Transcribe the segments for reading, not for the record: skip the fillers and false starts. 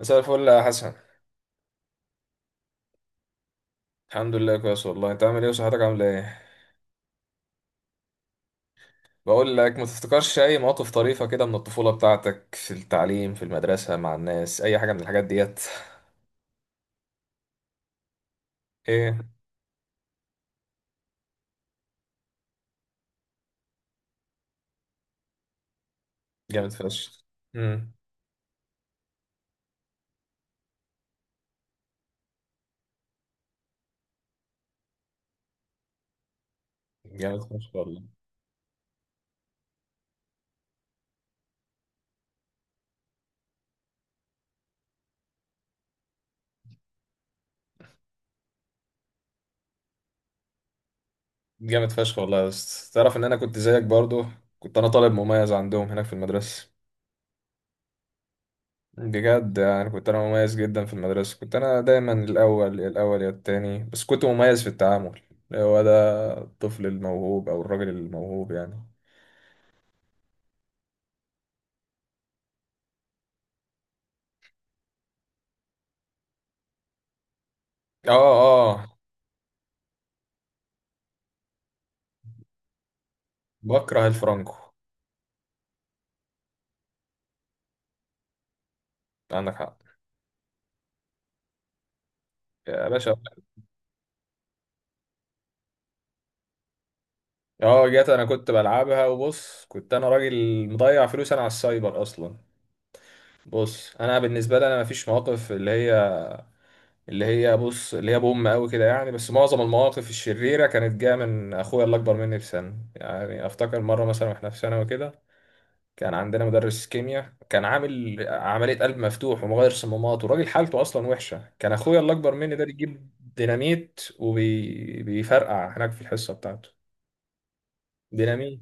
مساء الفل يا حسن. الحمد لله كويس والله. انت عامل ايه وصحتك عامله ايه؟ بقول لك، ما تفتكرش اي مواقف طريفه كده من الطفوله بتاعتك في التعليم في المدرسه مع الناس، اي حاجه من الحاجات ديت؟ ايه؟ جامد فشخ. امم جامد فشخ والله. جامد فشخ والله يا اسطى، تعرف ان انا كنت زيك برضو. كنت انا طالب مميز عندهم هناك في المدرسه، بجد يعني. كنت انا مميز جدا في المدرسه، كنت انا دايما الاول، الاول يا التاني، بس كنت مميز في التعامل. هو ده الطفل الموهوب او الراجل الموهوب يعني. اه. اه، بكره الفرانكو. عندك حق يا باشا. اه جت. كنت بلعبها وبص، كنت انا راجل مضيع فلوس انا على السايبر اصلا. بص، انا بالنسبه لي انا مفيش مواقف اللي هي، اللي هي، بص، اللي هي بوم قوي كده يعني. بس معظم المواقف الشريره كانت جايه من اخويا اللي اكبر مني بسنه. يعني افتكر مره مثلا واحنا في ثانوي كده، كان عندنا مدرس كيمياء كان عامل عملية قلب مفتوح ومغير صمامات، وراجل حالته أصلا وحشة. كان أخويا اللي أكبر مني ده بيجيب ديناميت وبيفرقع هناك في الحصة بتاعته. ديناميت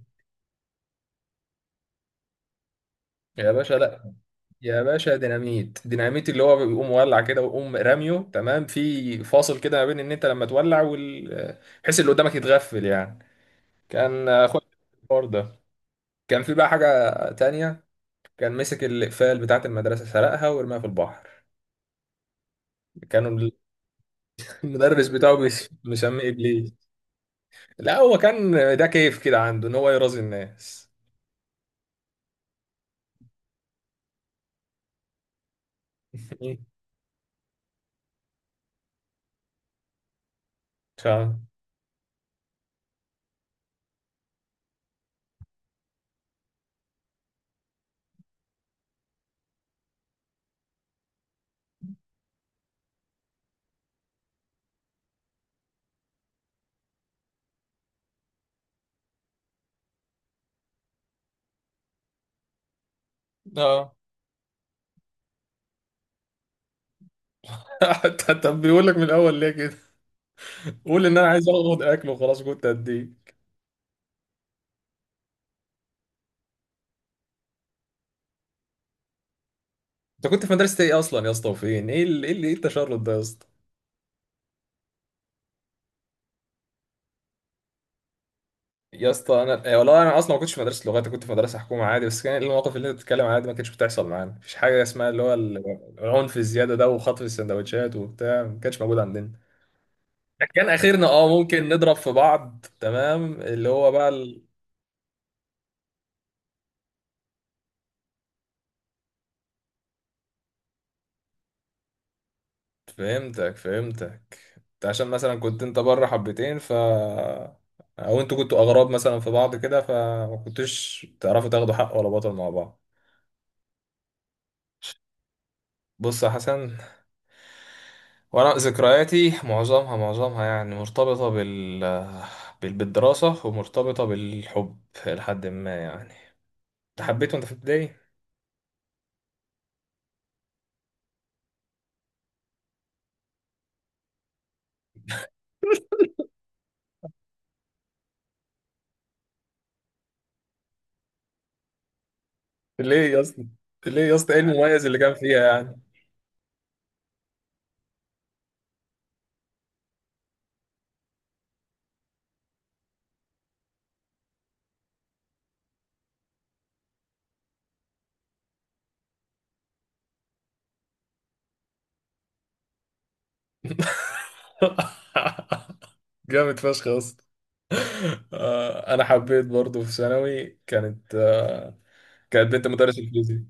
يا باشا، لا. يا باشا، ديناميت، ديناميت اللي هو بيقوم مولع كده ويقوم راميه، تمام، في فاصل كده ما بين ان انت لما تولع وال، بحيث اللي قدامك يتغفل يعني. كان اخويا الحوار ده. كان في بقى حاجة تانية، كان مسك الإقفال بتاعة المدرسة، سرقها ورماها في البحر. كانوا المدرس بتاعه مش مسميه ابليس. لا هو كان، ده كيف كده عنده ان هو يرازي الناس. مم. مش عارف. اه. طب بيقول لك من الاول ليه كده؟ قول ان انا عايز اخد اكل وخلاص، كنت اديه. انت كنت في مدرسه ايه اصلا يا اسطى؟ وفين؟ ايه التشرد ده يا اسطى؟ يا اسطى انا إيه والله، انا اصلا ما كنتش في مدرسه لغات، أنا كنت في مدرسه حكومه عادي. بس كان المواقف اللي انت بتتكلم عليها دي ما كانتش بتحصل معانا، مفيش حاجه اسمها اللي هو ال، العنف الزياده ده وخطف السندوتشات وبتاع، ما كانش موجود عندنا. كان اخرنا اه ممكن نضرب في بعض، تمام، اللي هو بقى ال... فهمتك، فهمتك. انت عشان مثلا كنت انت بره حبتين، ف او انتوا كنتوا اغراب مثلا في بعض كده، فما كنتوش تعرفوا تاخدوا حق ولا بطل مع بعض. بص يا حسن، وانا ذكرياتي معظمها يعني مرتبطة بال... بال... بالدراسة ومرتبطة بالحب، لحد ما يعني. انت حبيته انت في ابتدائي؟ ليه يا اسطى؟ ليه يا اسطى، ايه المميز اللي كان فيها يعني؟ جامد فشخ يا اسطى. آه، انا حبيت برضو في ثانوي، كانت آه، كانت بنت مدرس انجليزي.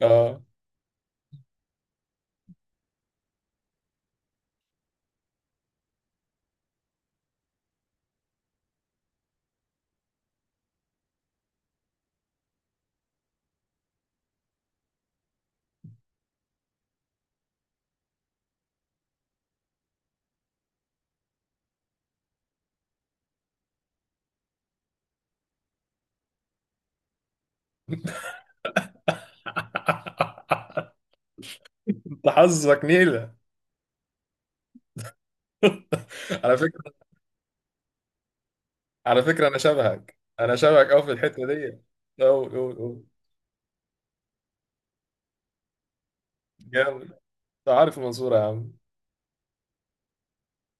اه. انت حظك نيله، على فكره. على فكره، انا شبهك قوي في الحته دي، قوي قوي قوي. جامد. انت عارف المنصوره يا عم؟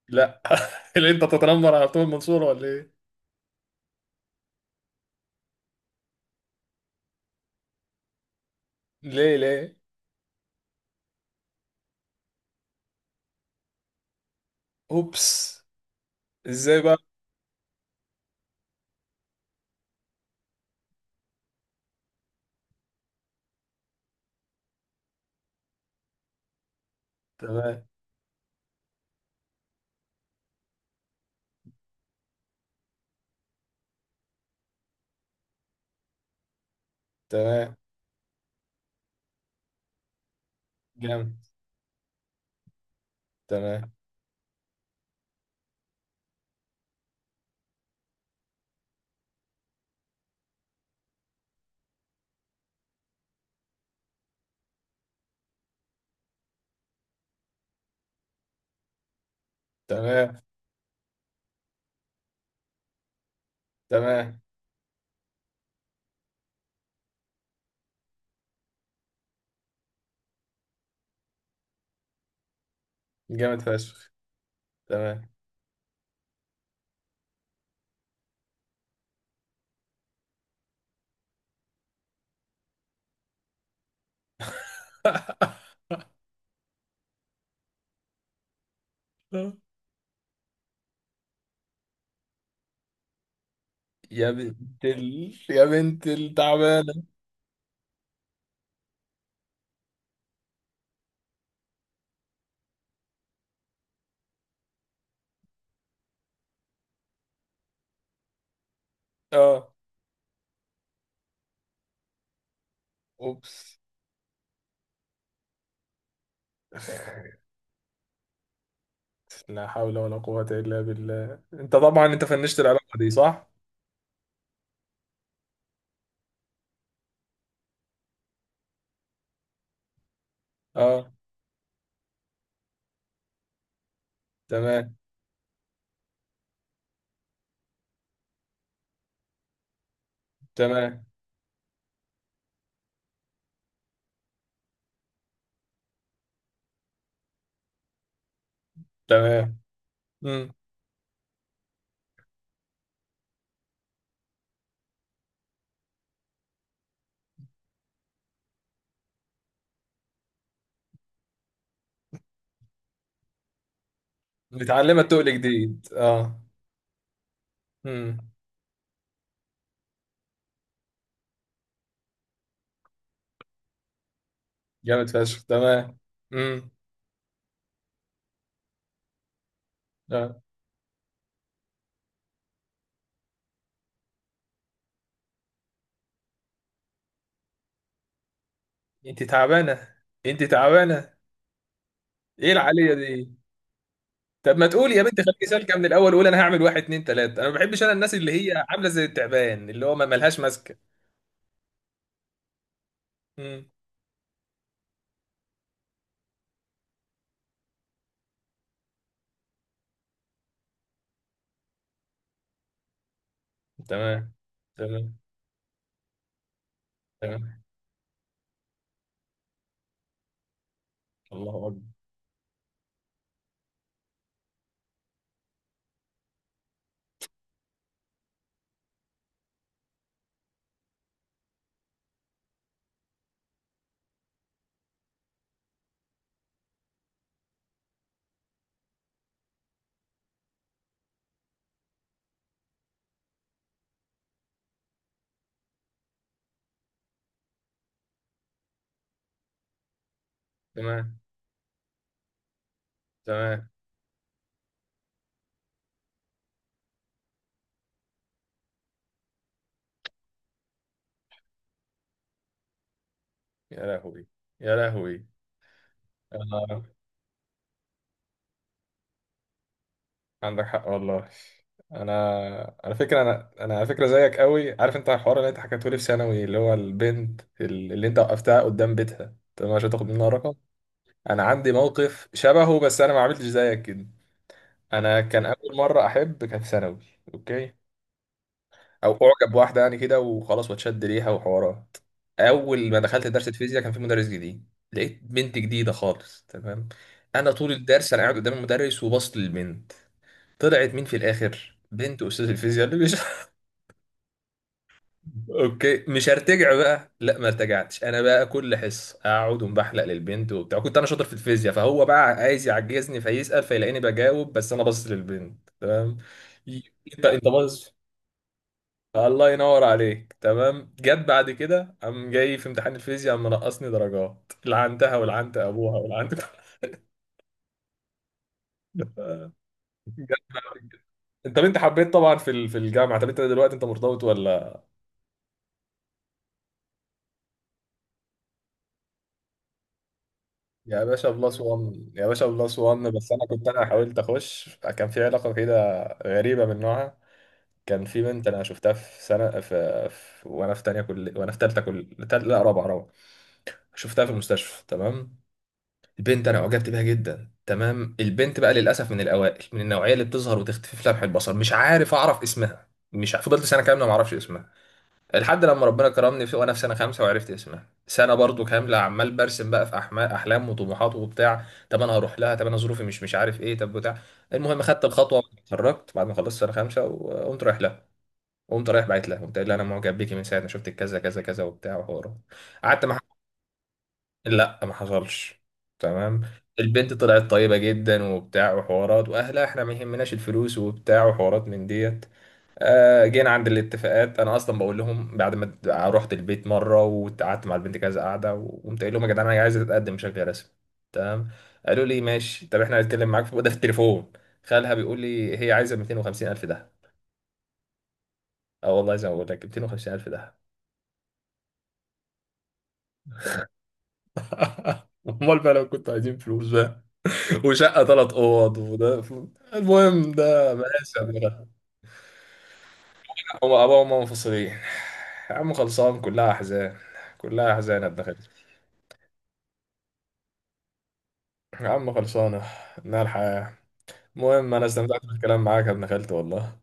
لا اللي انت تتنمر على طول المنصوره ولا ايه؟ ليه؟ ليه؟ اوبس، ازاي بقى؟ تمام. تمام. جامد. تمام. تمام. تمام. جامد فشخ. تمام. يا بنت ال... يا بنت التعبانة. اه. اوبس. لا حول ولا قوة إلا بالله. انت طبعا انت فنشت العلاقة دي، صح؟ اه. تمام. تمام. تمام. امم. متعلمة تقل جديد، اه. امم. جامد فشخ. تمام. امم. اه. انت تعبانة، انت تعبانة. ايه العالية دي؟ طب ما تقول يا بنت خليكي سالكة من الأول، وقول أنا هعمل واحد اتنين تلاتة. أنا ما بحبش أنا الناس اللي هي عاملة زي التعبان اللي هو ما ملهاش ماسكة. تمام. تمام. تمام. الله أكبر. تمام. تمام. يا لهوي. يا لهوي. أنا، عندك حق والله. أنا، على فكرة أنا، على فكرة زيك قوي. عارف أنت الحوار اللي أنت حكيته لي في ثانوي، اللي هو البنت اللي أنت وقفتها قدام بيتها، تمام، عشان تاخد منها رقم؟ أنا عندي موقف شبهه، بس أنا ما عملتش زيك كده. أنا كان أول مرة أحب كانت في ثانوي. أوكي. او اعجب بواحده يعني كده وخلاص واتشد ليها وحوارات. اول ما دخلت درس فيزياء، كان في مدرس جديد. لقيت بنت جديده خالص، تمام. انا طول الدرس انا قاعد قدام المدرس وبصت للبنت. طلعت مين في الاخر؟ بنت استاذ الفيزياء اللي مش اوكي مش هرتجع بقى. لا، ما ارتجعتش انا بقى، كل حصه اقعد ومبحلق للبنت وبتاع. كنت انا شاطر في الفيزياء، فهو بقى عايز يعجزني، فيسال فيلاقيني بجاوب، بس انا باصص للبنت، تمام. ي- انت باصص. الله ينور عليك، تمام. جت بعد كده، قام جاي في امتحان الفيزياء قام منقصني درجات، لعنتها ولعنت ابوها ولعنت جت بعد كده. انت حبيت طبعا في في الجامعه. طب انت دلوقتي انت مرتبط ولا؟ يا باشا بلس 1، يا باشا بلس 1. بس انا كنت انا حاولت اخش، كان في علاقه كده غريبه من نوعها. كان في بنت انا شفتها في سنه في, في وانا في تانية، كل وانا في تالتة، كل تال... لا رابعه، رابعه. شفتها في المستشفى، تمام. البنت انا اعجبت بيها جدا، تمام. البنت بقى للاسف من الاوائل من النوعيه اللي بتظهر وتختفي في لمح البصر، مش عارف اعرف اسمها. مش ع- فضلت سنه كامله ما اعرفش اسمها، لحد لما ربنا كرمني في وانا في سنه خمسه وعرفت اسمها. سنه برضو كامله عمال برسم بقى في احلام وطموحات وبتاع. طب انا هروح لها؟ طب انا ظروفي مش، مش عارف ايه، طب بتاع. المهم خدت الخطوه، اتخرجت بعد ما خلصت سنه خمسه وقمت رايح لها. قمت رايح، بعت لها قمت قايل لها انا معجب بيكي من ساعه ما شفتك كذا كذا كذا وبتاع وحوارات. قعدت مع، لا ما حصلش، تمام. البنت طلعت طيبة جدا وبتاع وحوارات، واهلها احنا ما يهمناش الفلوس وبتاع وحوارات من ديت. آه، جينا عند الاتفاقات. انا اصلا بقول لهم بعد ما رحت البيت مرة وقعدت مع البنت كذا قعدة، وقمت قايل لهم يا جدعان انا عايز اتقدم بشكل رسمي، تمام. قالوا لي ماشي، طب احنا هنتكلم معاك في وده في التليفون. خالها بيقول لي هي عايزة 250 الف ده. اه والله زي ما بقول لك، 250 الف ده. امال بقى لو كنت عايزين فلوس، وشقه ثلاث اوض وده. المهم ده بلاش يعني. هم ابوه وامه منفصلين. يا عم خلصان، كلها احزان. كلها احزان يا ابن خالتي. يا عم خلصانه. انها الحياه. المهم، انا استمتعت بالكلام معاك يا ابن خالتي والله.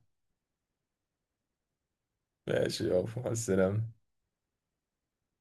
ماشي يابا، مع السلامه.